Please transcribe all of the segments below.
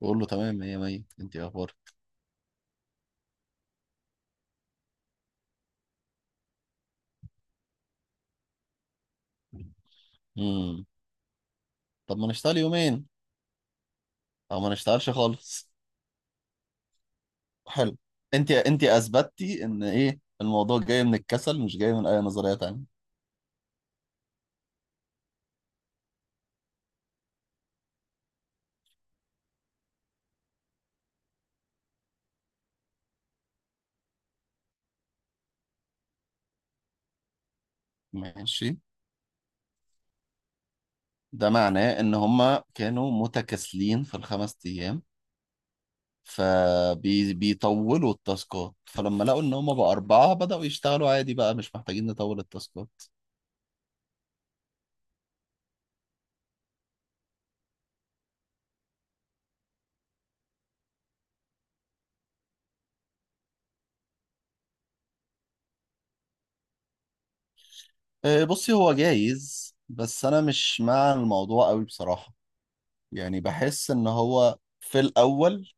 بقول له تمام مية مية، انت إيه اخبارك؟ امم طب ما نشتغل يومين او ما نشتغلش خالص. حلو. انت اثبتتي ان ايه الموضوع جاي من الكسل، مش جاي من اي نظرية تانية. ماشي. ده معناه ان هما كانوا متكاسلين في ال 5 ايام فبيطولوا التاسكات، فلما لقوا ان هما بقى اربعة بدأوا يشتغلوا عادي، بقى مش محتاجين نطول التاسكات. بصي، هو جايز بس انا مش مع الموضوع قوي بصراحة. يعني بحس ان هو في الاول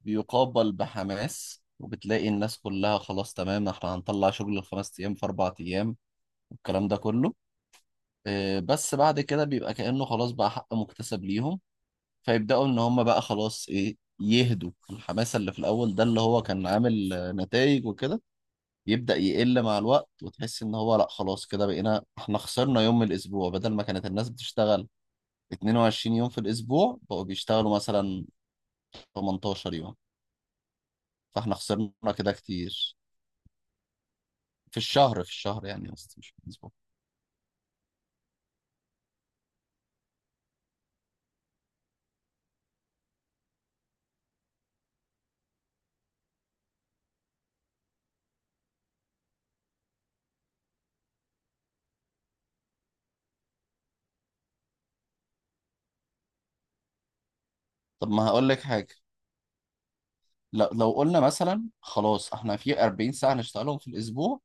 بيقابل بحماس، وبتلاقي الناس كلها خلاص تمام احنا هنطلع شغل ال 5 ايام في 4 ايام والكلام ده كله. بس بعد كده بيبقى كأنه خلاص بقى حق مكتسب ليهم، فيبدأوا ان هم بقى خلاص ايه يهدوا الحماس اللي في الاول ده اللي هو كان عامل نتائج وكده، يبدأ يقل مع الوقت، وتحس ان هو لا خلاص كده بقينا احنا خسرنا يوم من الاسبوع، بدل ما كانت الناس بتشتغل 22 يوم في الاسبوع بقوا بيشتغلوا مثلا 18 يوم. فاحنا خسرنا كده كتير في الشهر. في الشهر يعني قصدي، مش في الاسبوع. طب ما هقول لك حاجه، لو قلنا مثلا خلاص احنا في 40 ساعه نشتغلهم في الاسبوع،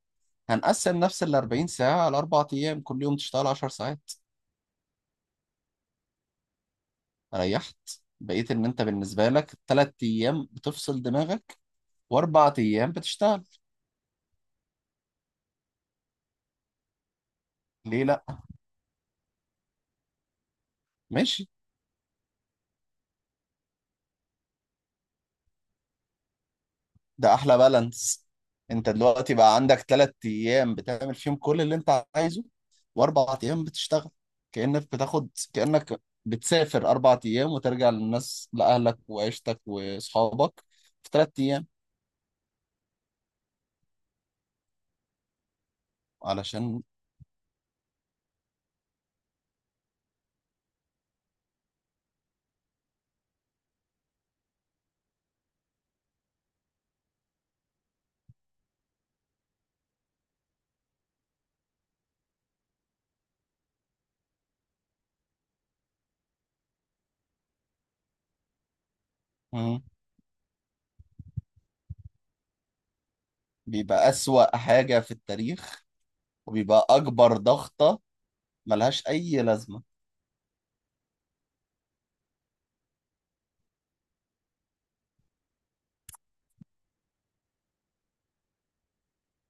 هنقسم نفس ال 40 ساعه على 4 ايام، كل يوم تشتغل 10 ساعات. ريحت، بقيت ان انت بالنسبه لك 3 ايام بتفصل دماغك واربع ايام بتشتغل. ليه لا؟ ماشي. ده احلى بالانس. انت دلوقتي بقى عندك 3 ايام بتعمل فيهم كل اللي انت عايزه واربع ايام بتشتغل، كأنك بتسافر 4 ايام وترجع للناس لأهلك وعيشتك واصحابك في 3 ايام. علشان مم. بيبقى أسوأ حاجة في التاريخ، وبيبقى اكبر ضغطة ملهاش اي لازمة.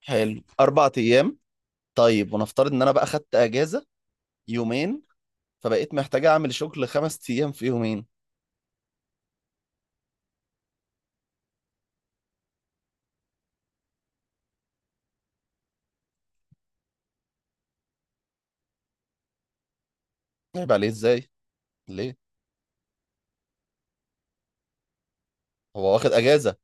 حلو 4 ايام. طيب، ونفترض ان انا بقى خدت اجازة يومين، فبقيت محتاج اعمل شغل 5 ايام في يومين. عيب عليه ازاي؟ ليه؟ هو واخد اجازه.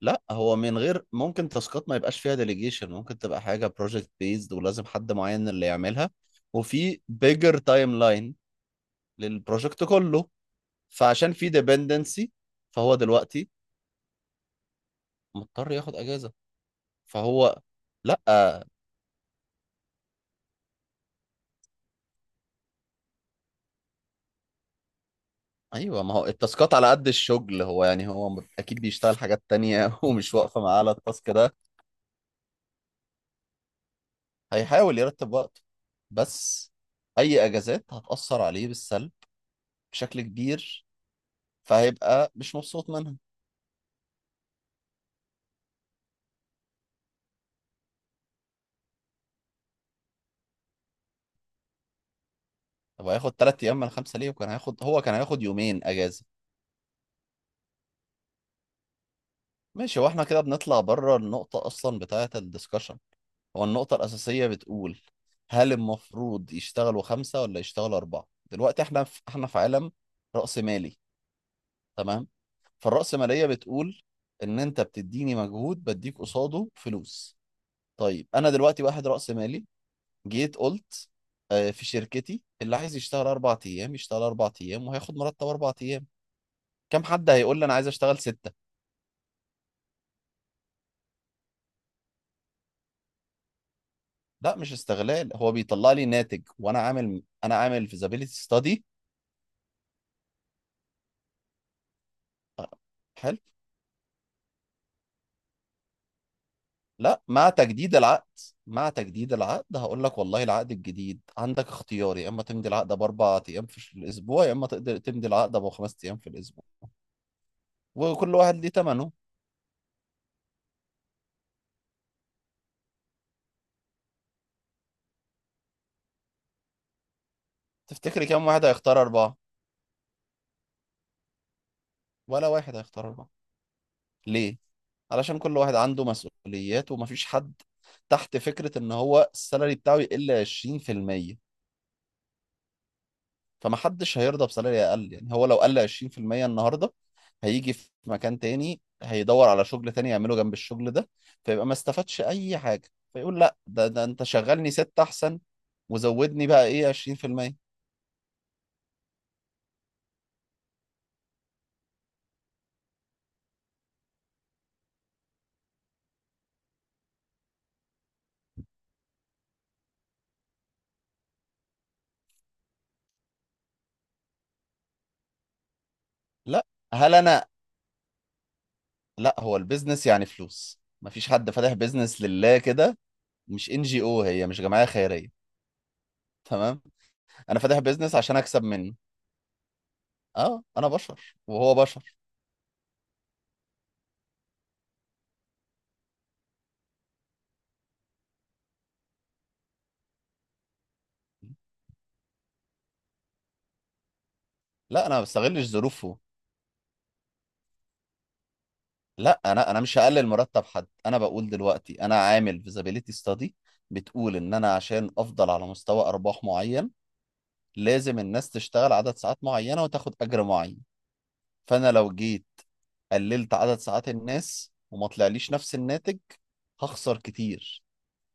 لا، هو من غير ممكن تاسكات ما يبقاش فيها ديليجيشن، ممكن تبقى حاجه بروجكت بيزد ولازم حد معين اللي يعملها، وفي بيجر تايم لاين للبروجكت كله، فعشان في ديبندنسي فهو دلوقتي مضطر ياخد اجازه. فهو لا ايوه، ما هو التاسكات على قد الشغل، هو يعني اكيد بيشتغل حاجات تانية ومش واقفه معاه على التاسك ده. هيحاول يرتب وقته، بس اي اجازات هتاثر عليه بالسلب بشكل كبير، فهيبقى مش مبسوط منها. طب هياخد 3 ايام من 5 ليه؟ وكان هياخد هو كان هياخد يومين اجازه. ماشي. هو احنا كده بنطلع بره النقطه اصلا بتاعه الدسكشن. هو النقطه الاساسيه بتقول هل المفروض يشتغلوا خمسه ولا يشتغلوا اربعه؟ دلوقتي احنا في عالم رأسمالي، تمام؟ فالرأسماليه بتقول ان انت بتديني مجهود بديك قصاده فلوس. طيب انا دلوقتي واحد رأسمالي، جيت قلت في شركتي اللي عايز يشتغل 4 ايام يشتغل 4 ايام وهياخد مرتب 4 ايام. كم حد هيقول لي انا عايز اشتغل ستة؟ لا، مش استغلال، هو بيطلع لي ناتج، وانا عامل انا عامل فيزابيليتي ستادي. حلو. لا، مع تجديد العقد، مع تجديد العقد هقول لك والله العقد الجديد عندك اختيار، يا اما تمضي العقد ب 4 ايام في الاسبوع يا اما تقدر تمضي العقد ب 5 ايام في الاسبوع، وكل واحد ليه ثمنه. تفتكري كم واحد هيختار اربعه؟ ولا واحد هيختار اربعه. ليه؟ علشان كل واحد عنده مسؤوليات ومفيش حد تحت فكره ان هو السالري بتاعه يقل 20%. فما حدش هيرضى بسالري اقل يعني. هو لو قل 20% النهارده هيجي في مكان تاني، هيدور على شغل تاني يعمله جنب الشغل ده، فيبقى ما استفادش اي حاجه، فيقول لا، ده انت شغلني ستة احسن، وزودني بقى ايه 20%. لا هل انا لا، هو البيزنس يعني فلوس، مفيش حد فاتح بيزنس لله كده، مش ان جي او، هي مش جمعيه خيريه. تمام. انا فاتح بيزنس عشان اكسب منه. اه، انا بشر وهو بشر. لا، انا ما بستغلش ظروفه. لا، انا مش هقلل مرتب حد، انا بقول دلوقتي انا عامل فيزابيليتي ستادي. بتقول ان انا عشان افضل على مستوى ارباح معين لازم الناس تشتغل عدد ساعات معينه وتاخد اجر معين، فانا لو جيت قللت عدد ساعات الناس وما طلعليش نفس الناتج هخسر كتير.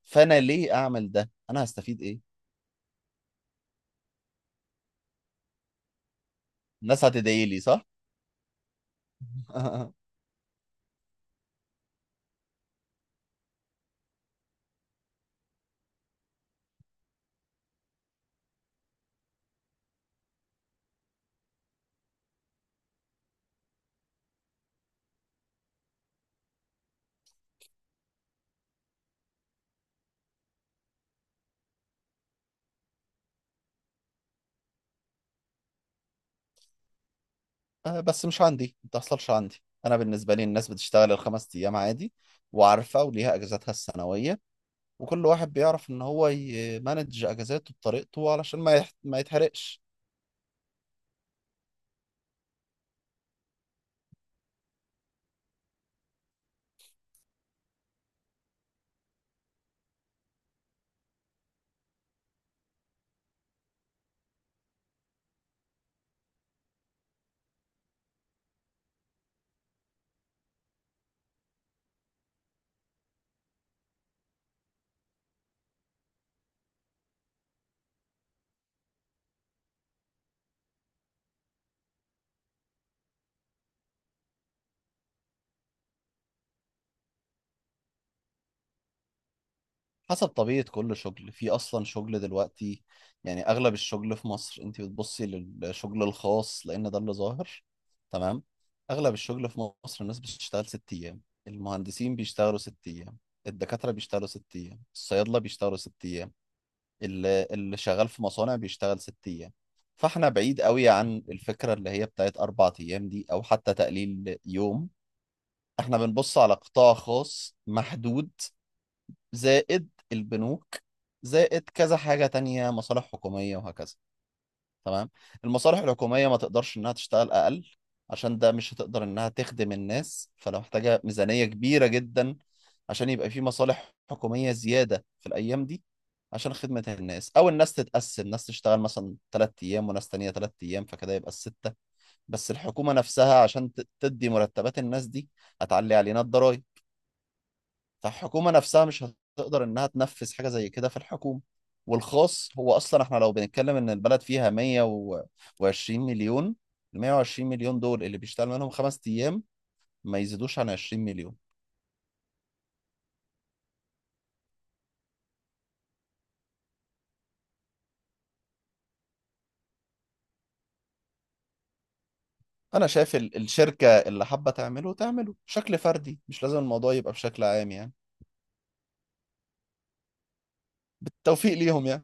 فانا ليه اعمل ده، انا هستفيد ايه؟ الناس هتدعي لي؟ صح. بس مش عندي، ما بتحصلش عندي، انا بالنسبه لي الناس بتشتغل ال 5 ايام عادي وعارفه وليها اجازاتها السنويه، وكل واحد بيعرف ان هو يمانج اجازاته بطريقته علشان ما يتحرقش. حسب طبيعة كل شغل. في اصلا شغل دلوقتي يعني اغلب الشغل في مصر، انت بتبصي للشغل الخاص لان ده اللي ظاهر. تمام. اغلب الشغل في مصر الناس بتشتغل 6 ايام، المهندسين بيشتغلوا 6 ايام، الدكاترة بيشتغلوا 6 ايام، الصيادلة بيشتغلوا 6 ايام، اللي شغال في مصانع بيشتغل 6 ايام. فاحنا بعيد قوي عن الفكرة اللي هي بتاعت 4 ايام دي او حتى تقليل يوم. احنا بنبص على قطاع خاص محدود، زائد البنوك، زائد كذا حاجة تانية، مصالح حكومية، وهكذا. تمام. المصالح الحكومية ما تقدرش انها تشتغل اقل، عشان ده مش هتقدر انها تخدم الناس، فلو محتاجة ميزانية كبيرة جدا عشان يبقى في مصالح حكومية زيادة في الايام دي عشان خدمة الناس، او الناس تتقسم، ناس تشتغل مثلا 3 ايام وناس تانية 3 ايام فكده يبقى الستة. بس الحكومة نفسها عشان تدي مرتبات الناس دي هتعلي علينا الضرايب. فالحكومة نفسها مش هتقدر إنها تنفذ حاجة زي كده في الحكومة. والخاص، هو أصلا إحنا لو بنتكلم إن البلد فيها 120 مليون، ال 120 مليون دول اللي بيشتغل منهم خمس أيام ما يزيدوش عن 20 مليون. أنا شايف الشركة اللي حابة تعمله تعمله بشكل فردي، مش لازم الموضوع يبقى بشكل عام يعني. بالتوفيق ليهم يعني.